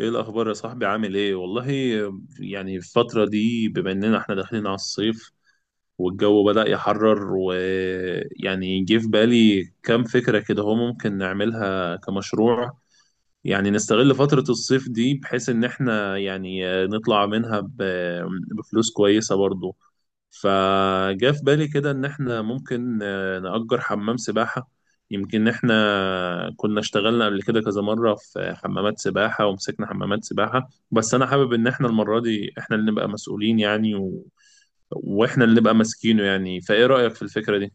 ايه الاخبار يا صاحبي، عامل ايه والله. يعني الفتره دي بما اننا احنا داخلين على الصيف والجو بدأ يحرر. ويعني جه في بالي كام فكره كده هو ممكن نعملها كمشروع. يعني نستغل فترة الصيف دي بحيث إن إحنا يعني نطلع منها بفلوس كويسة برضو. فجاء في بالي كده إن إحنا ممكن نأجر حمام سباحة. يمكن إحنا كنا اشتغلنا قبل كده كذا مرة في حمامات سباحة ومسكنا حمامات سباحة. بس أنا حابب إن إحنا المرة دي إحنا اللي نبقى مسؤولين يعني وإحنا اللي نبقى ماسكينه يعني. فإيه رأيك في الفكرة دي؟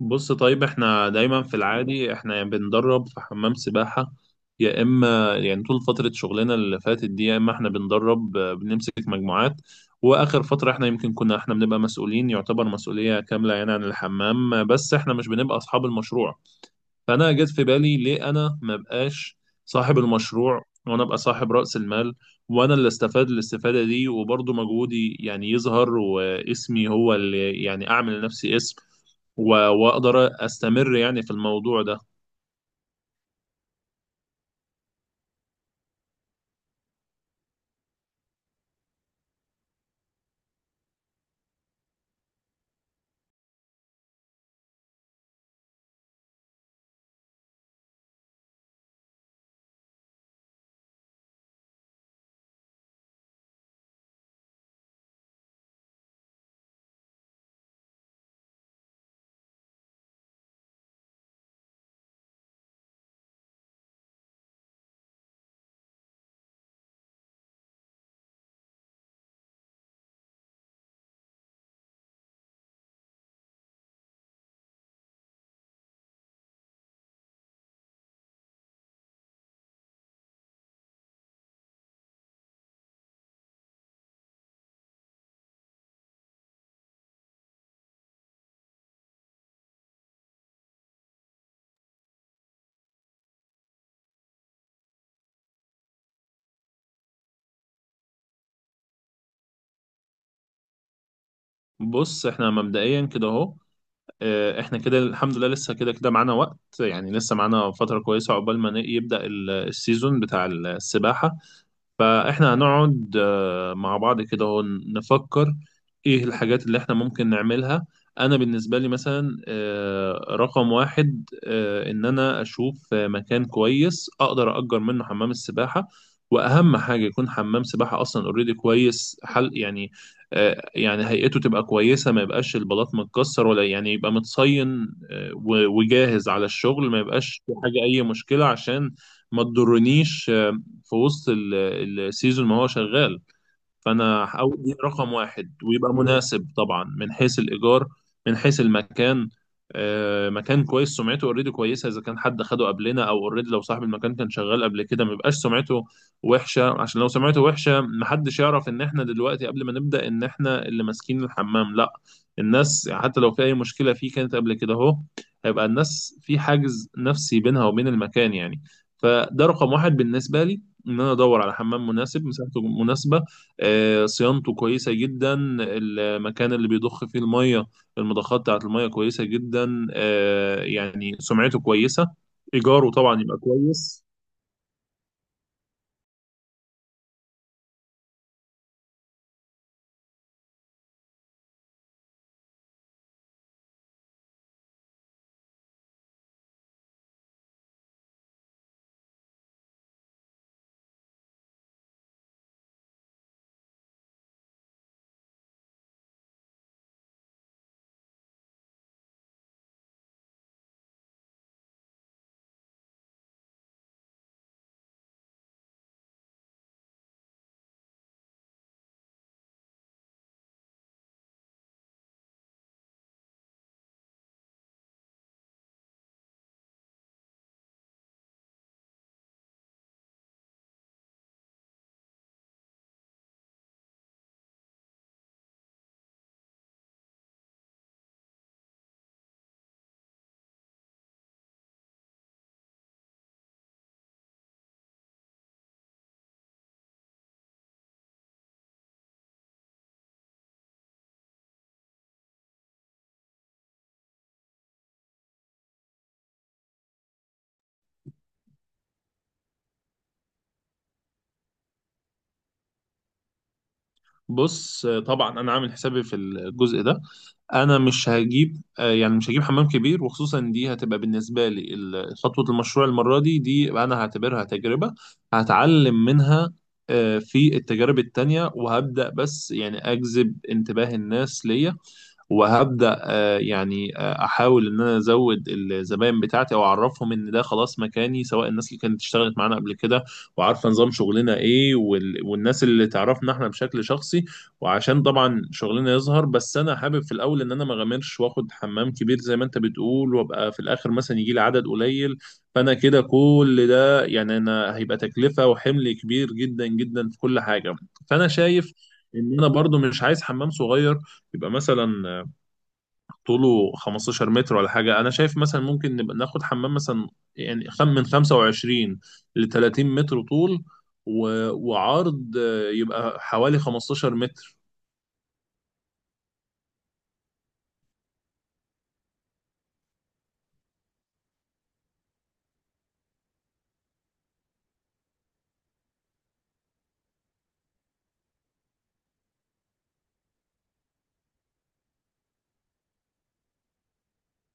بص طيب، احنا دايما في العادي احنا يا بندرب في حمام سباحة، يا اما يعني طول فترة شغلنا اللي فاتت دي يا اما احنا بندرب بنمسك مجموعات. واخر فترة احنا يمكن كنا احنا بنبقى مسؤولين، يعتبر مسؤولية كاملة يعني عن الحمام، بس احنا مش بنبقى اصحاب المشروع. فانا جت في بالي ليه انا ما بقاش صاحب المشروع وانا ابقى صاحب رأس المال، وانا اللي استفاد الاستفادة دي وبرضه مجهودي يعني يظهر واسمي هو اللي يعني اعمل لنفسي اسم، واقدر استمر يعني في الموضوع ده. بص احنا مبدئيا كده اهو. احنا كده الحمد لله لسه كده كده معانا وقت يعني، لسه معانا فترة كويسة عقبال ما يبدأ السيزون بتاع السباحة. فاحنا هنقعد مع بعض كده هو نفكر ايه الحاجات اللي احنا ممكن نعملها. انا بالنسبه لي مثلا رقم واحد ان انا اشوف مكان كويس اقدر اجر منه حمام السباحه. واهم حاجه يكون حمام سباحه اصلا اوريدي كويس، حل يعني. يعني هيئته تبقى كويسه، ما يبقاش البلاط متكسر ولا يعني، يبقى متصين وجاهز على الشغل، ما يبقاش في حاجه اي مشكله عشان ما تضرنيش في وسط السيزون ما هو شغال. فانا هحاول دي رقم واحد، ويبقى مناسب طبعا من حيث الايجار، من حيث المكان. مكان كويس سمعته اوريدي كويسه، اذا كان حد خده قبلنا او اوريدي لو صاحب المكان كان شغال قبل كده ما يبقاش سمعته وحشه، عشان لو سمعته وحشه محدش يعرف ان احنا دلوقتي قبل ما نبدا ان احنا اللي ماسكين الحمام، لا. الناس يعني حتى لو في اي مشكله فيه كانت قبل كده اهو، هيبقى الناس في حاجز نفسي بينها وبين المكان يعني. فده رقم واحد بالنسبه لي، ان انا ادور على حمام مناسب مساحته مناسبه. صيانته كويسة جدا، المكان اللي بيضخ فيه المية، المضخات بتاعة المية كويسة جدا، يعني سمعته كويسة. إيجاره طبعا يبقى كويس. بص طبعا أنا عامل حسابي في الجزء ده. أنا مش هجيب يعني مش هجيب حمام كبير، وخصوصا دي هتبقى بالنسبة لي خطوة المشروع المرة دي، دي أنا هعتبرها تجربة هتعلم منها في التجارب التانية. وهبدأ بس يعني أجذب انتباه الناس ليا، وهبدأ يعني أحاول إن أنا أزود الزباين بتاعتي أو أعرفهم إن ده خلاص مكاني، سواء الناس اللي كانت اشتغلت معانا قبل كده وعارفة نظام شغلنا إيه، والناس اللي تعرفنا إحنا بشكل شخصي وعشان طبعا شغلنا يظهر. بس أنا حابب في الأول إن أنا ما أغامرش وآخد حمام كبير زي ما أنت بتقول وأبقى في الآخر مثلا يجي لي عدد قليل. فأنا كده كل ده يعني أنا هيبقى تكلفة وحمل كبير جدا جدا في كل حاجة. فأنا شايف إن أنا برضو مش عايز حمام صغير، يبقى مثلا طوله 15 متر ولا حاجة. أنا شايف مثلا ممكن نبقى ناخد حمام مثلا يعني خم من 25 ل 30 متر طول و... وعرض يبقى حوالي 15 متر.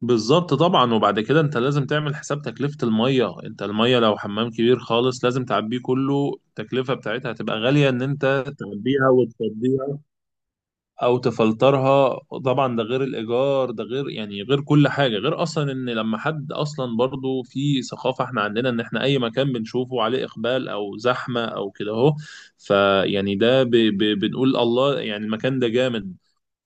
بالظبط طبعا. وبعد كده انت لازم تعمل حساب تكلفة المية، انت المية لو حمام كبير خالص لازم تعبيه كله، التكلفة بتاعتها هتبقى غالية ان انت تعبيها وتفضيها او تفلترها. طبعا ده غير الايجار، ده غير يعني، غير كل حاجه، غير اصلا ان لما حد اصلا برضو في ثقافه احنا عندنا ان احنا اي مكان بنشوفه عليه اقبال او زحمه او كده اهو، فيعني ده ب ب بنقول الله يعني المكان ده جامد.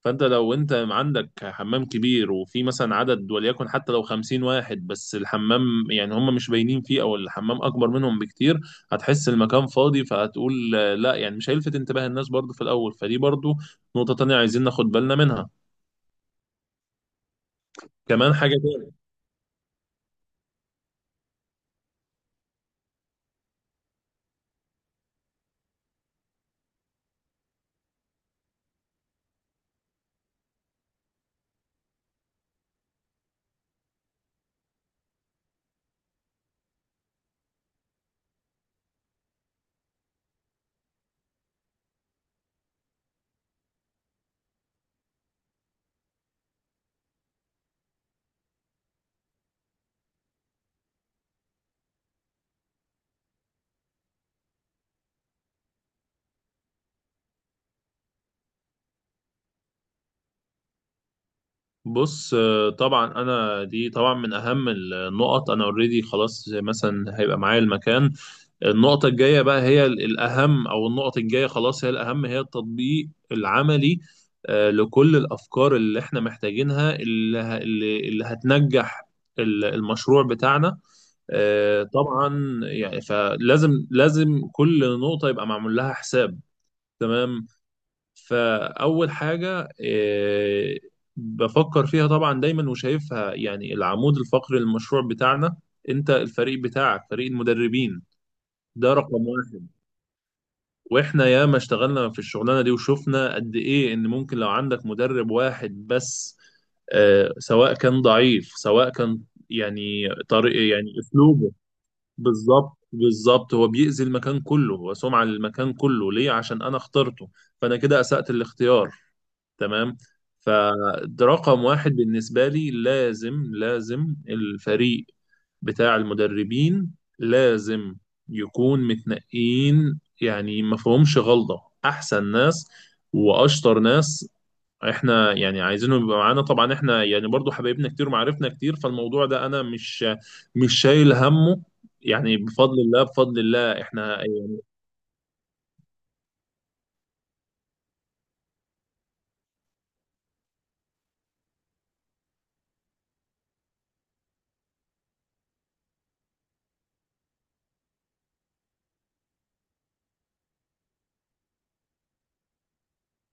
فانت لو انت عندك حمام كبير وفي مثلا عدد وليكن حتى لو 50 واحد بس الحمام يعني هم مش باينين فيه او الحمام اكبر منهم بكتير، هتحس المكان فاضي فهتقول لا، يعني مش هيلفت انتباه الناس برضو في الاول. فدي برضو نقطة تانية عايزين ناخد بالنا منها. كمان حاجة تانية، بص طبعا انا دي طبعا من اهم النقط. انا اوريدي خلاص مثلا هيبقى معايا المكان، النقطة الجاية بقى هي الأهم، أو النقط الجاية خلاص هي الأهم، هي التطبيق العملي لكل الأفكار اللي إحنا محتاجينها اللي ه- اللي اللي هتنجح المشروع بتاعنا. طبعا يعني فلازم لازم كل نقطة يبقى معمول لها حساب، تمام. فأول حاجة بفكر فيها طبعا دايما وشايفها يعني العمود الفقري للمشروع بتاعنا، أنت الفريق بتاعك فريق المدربين. ده رقم واحد. واحنا ياما اشتغلنا في الشغلانه دي وشفنا قد ايه ان ممكن لو عندك مدرب واحد بس سواء كان ضعيف سواء كان، يعني طريق يعني اسلوبه. بالظبط بالظبط هو بيأذي المكان كله، هو سمعة للمكان كله، ليه؟ عشان انا اخترته، فانا كده اسأت الاختيار، تمام. فرقم واحد بالنسبة لي لازم لازم الفريق بتاع المدربين لازم يكون متنقين يعني ما فيهمش غلطة، أحسن ناس وأشطر ناس احنا يعني عايزينهم يبقى معانا. طبعا احنا يعني برضو حبايبنا كتير ومعارفنا كتير، فالموضوع ده انا مش شايل همه، يعني بفضل الله بفضل الله احنا.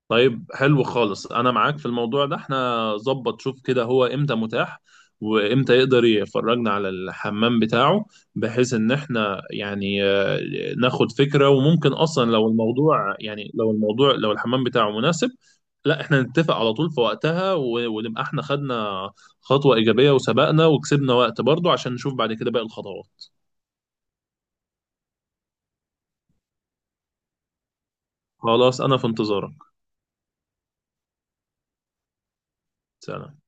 طيب حلو خالص، انا معاك في الموضوع ده. احنا ظبط، شوف كده هو امتى متاح وامتى يقدر يفرجنا على الحمام بتاعه، بحيث ان احنا يعني ناخد فكرة. وممكن اصلا لو الموضوع يعني لو الموضوع لو الحمام بتاعه مناسب لا احنا نتفق على طول في وقتها، ونبقى احنا خدنا خطوة ايجابية وسبقنا وكسبنا وقت برضه عشان نشوف بعد كده باقي الخطوات. خلاص انا في انتظارك. سلام.